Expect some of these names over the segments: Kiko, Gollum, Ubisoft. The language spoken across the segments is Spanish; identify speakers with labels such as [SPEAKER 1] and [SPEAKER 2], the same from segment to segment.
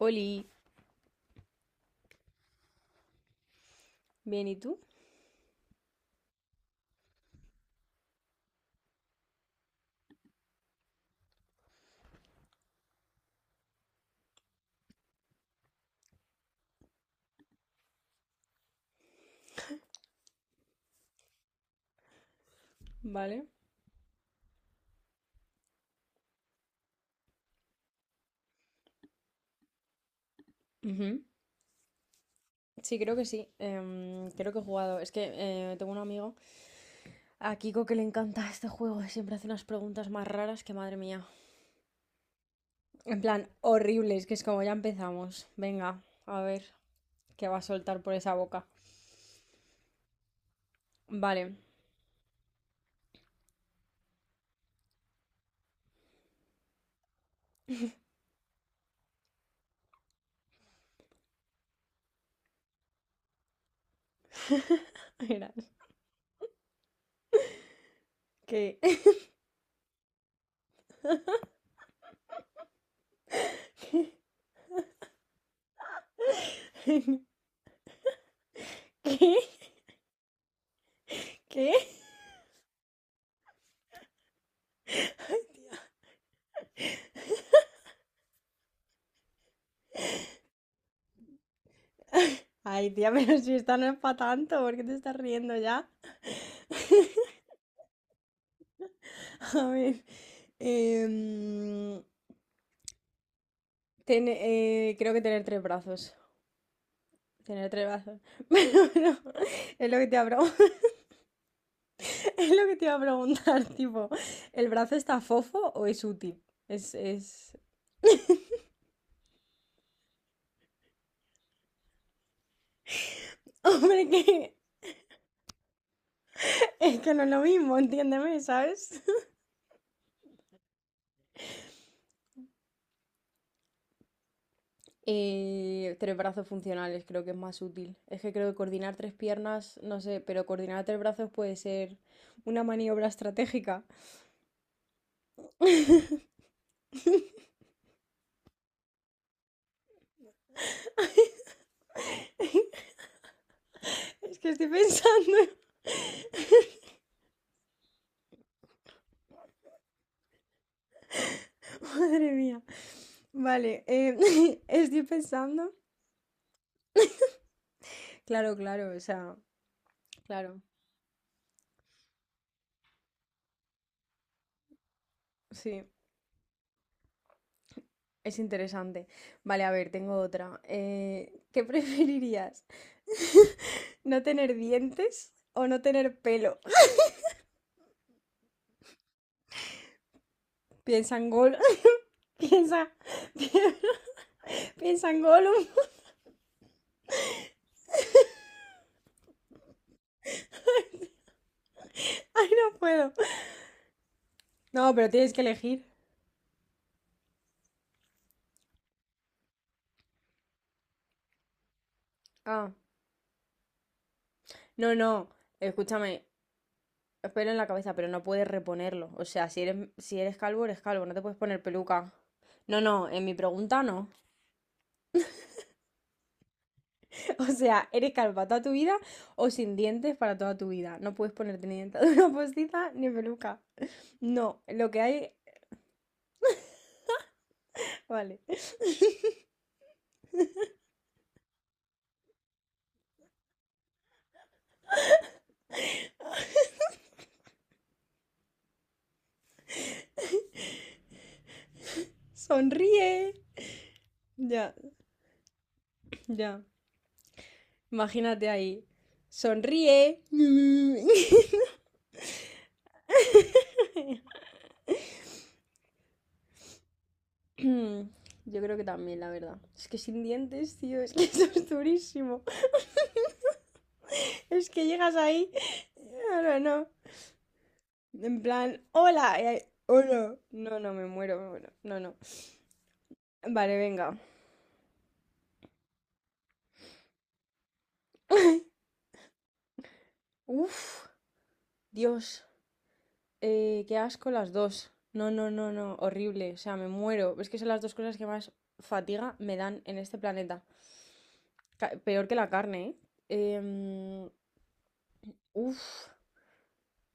[SPEAKER 1] Oli, bien, ¿y tú? Vale. Ujú. Sí, creo que sí. Creo que he jugado. Es que tengo un amigo, a Kiko, que le encanta este juego. Y siempre hace unas preguntas más raras que madre mía. En plan, horribles, que es como ya empezamos. Venga, a ver qué va a soltar por esa boca. Vale. Verás. ¿Qué? ¿Qué? ¿Qué? Ay, tía, pero si esta no es para tanto, ¿por qué te estás riendo ya? A ver. em, creo que tener tres brazos. Tener tres brazos. Pero bueno, es lo que te iba a pregun- es lo que te iba a preguntar, tipo, ¿el brazo está fofo o es útil? Es. Hombre, que es que no es lo mismo, entiéndeme, ¿sabes? Tres brazos funcionales creo que es más útil. Es que creo que coordinar tres piernas, no sé, pero coordinar tres brazos puede ser una maniobra estratégica. Es que estoy pensando, madre mía. Vale, estoy pensando. Claro, claro, o sea, claro, sí, es interesante. Vale, a ver, tengo otra. ¿Qué preferirías? ¿No tener dientes o no tener pelo? Piensa en Gol, piensa, piensa en Gollum. Ay, no puedo. No, pero tienes que elegir. Ah, no, no, escúchame, pelo en la cabeza, pero no puedes reponerlo. O sea, si eres calvo, eres calvo, no te puedes poner peluca. No, no, en mi pregunta no. O sea, eres calva para toda tu vida o sin dientes para toda tu vida. No puedes ponerte ni dentadura postiza ni peluca. No, lo que hay. Vale. Sonríe. Ya, ya. Imagínate ahí. Sonríe. Yo creo que también, la verdad. Es que sin dientes, tío, es que eso es durísimo. Es que llegas ahí. No, no, no. En plan, hola. Hola. No, no, me muero, me muero. No, no. Vale, venga. Uf, Dios, qué asco las dos. No, no, no, no, horrible. O sea, me muero. Es que son las dos cosas que más fatiga me dan en este planeta. Peor que la carne, ¿eh? Em, uf,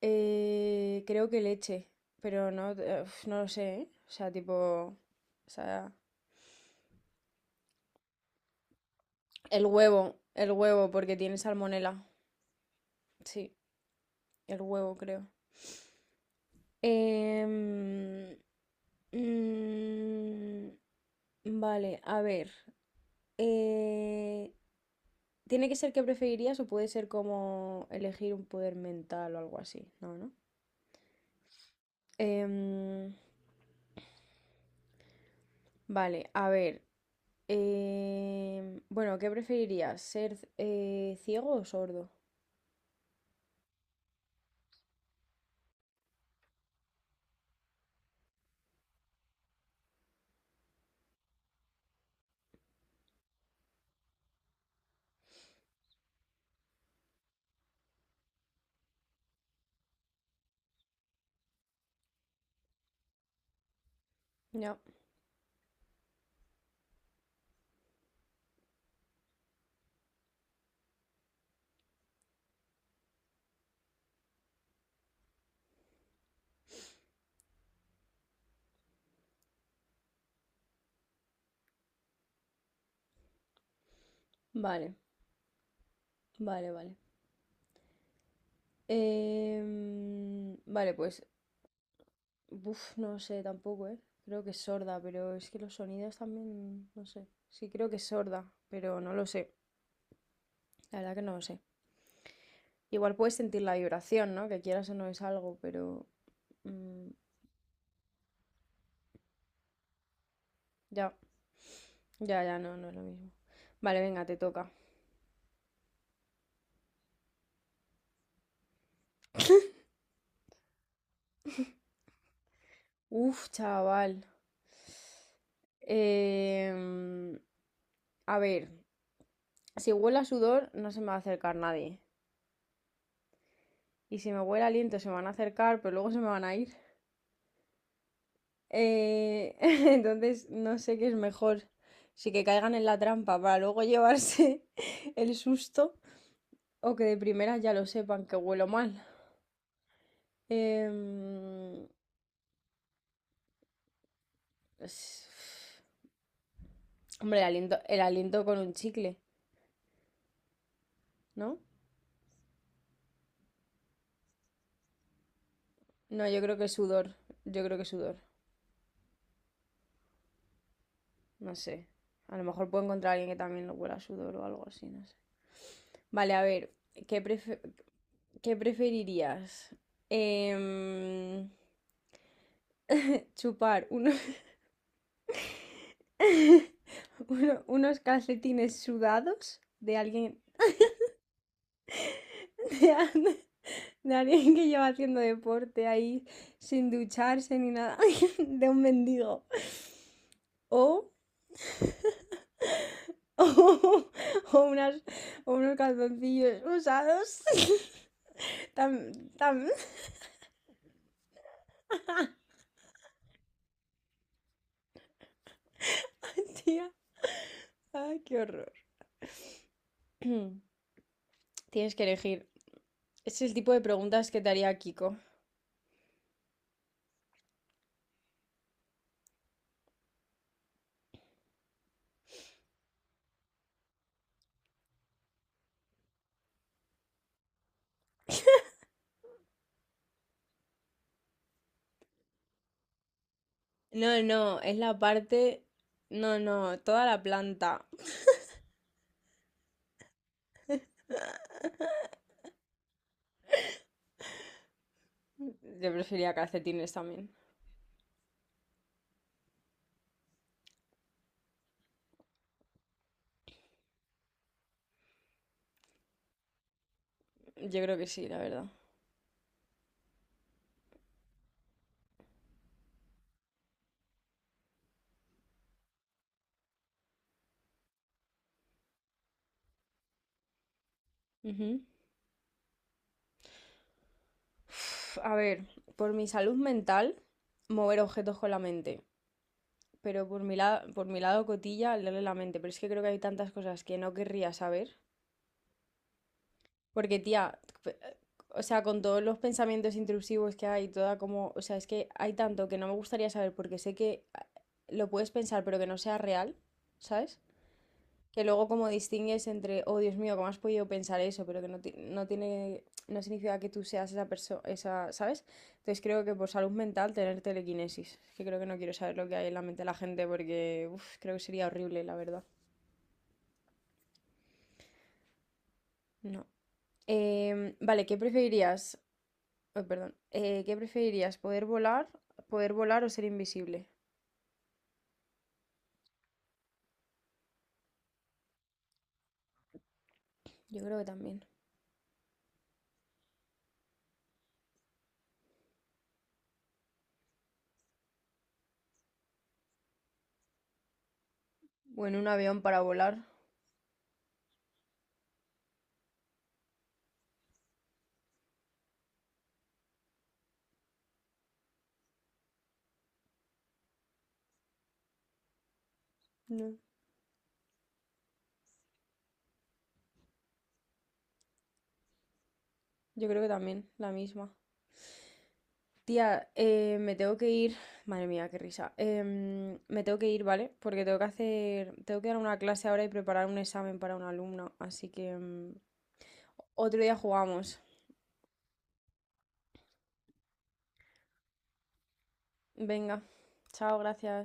[SPEAKER 1] creo que leche. Pero no, uf, no lo sé, ¿eh? O sea, tipo. O sea, el huevo, porque tiene salmonela. Sí, el huevo, creo. Em, mm, vale, a ver. Eh, ¿tiene que ser qué preferirías o puede ser como elegir un poder mental o algo así? No, ¿no? Em, vale, a ver. Bueno, ¿qué preferirías? ¿Ser ciego o sordo? Ya. Vale, vale, vale. Vale, pues. Uf, no sé tampoco, ¿eh? Creo que es sorda, pero es que los sonidos también, no sé. Sí, creo que es sorda, pero no lo sé. La verdad que no lo sé. Igual puedes sentir la vibración, ¿no? Que quieras o no es algo, pero. Mm, ya, ya, ya, no, no es lo mismo. Vale, venga, te toca. Uf, chaval. Em, a ver, si huele a sudor, no se me va a acercar nadie. Y si me huele a aliento, se me van a acercar, pero luego se me van a ir. Eh, entonces, no sé qué es mejor. Si que caigan en la trampa para luego llevarse el susto o que de primeras ya lo sepan que huelo mal. Em, es- Hombre, el aliento con un chicle, ¿no? No, yo creo que sudor. Yo creo que sudor. No sé. A lo mejor puedo encontrar a alguien que también lo huela a sudor o algo así, no sé. Vale, a ver, ¿qué prefe- ¿qué preferirías? Em, chupar unos calcetines sudados de alguien, de, al- de alguien que lleva haciendo deporte ahí sin ducharse ni nada, de un mendigo. O, o, o unas, o unos calzoncillos usados. Tam, tam. Tía, ay, qué horror. Tienes que elegir. Es el tipo de preguntas que te haría Kiko. No, no, es la parte. No, no, toda la planta. Yo preferiría calcetines también. Yo creo que sí, la verdad. Ujú. Uf, a ver, por mi salud mental, mover objetos con la mente. Pero por mi lado cotilla, leerle la mente. Pero es que creo que hay tantas cosas que no querría saber. Porque, tía, o sea, con todos los pensamientos intrusivos que hay, toda como, o sea, es que hay tanto que no me gustaría saber porque sé que ah, lo puedes pensar, pero que no sea real, ¿sabes? Que luego como distingues entre, oh Dios mío, ¿cómo has podido pensar eso? Pero que no, no tiene, no significa que tú seas esa persona, esa, ¿sabes? Entonces creo que por salud mental tener telequinesis. Es que creo que no quiero saber lo que hay en la mente de la gente porque uf, creo que sería horrible, la verdad. No. Vale, ¿qué preferirías? Ay, perdón. ¿Qué preferirías? ¿Poder volar o ser invisible? Yo creo que también. Bueno, un avión para volar. No. Yo creo que también, la misma. Tía, me tengo que ir. Madre mía, qué risa. Me tengo que ir, ¿vale? Porque tengo que hacer. Tengo que dar una clase ahora y preparar un examen para una alumna. Así que otro día jugamos. Venga. Chao, gracias.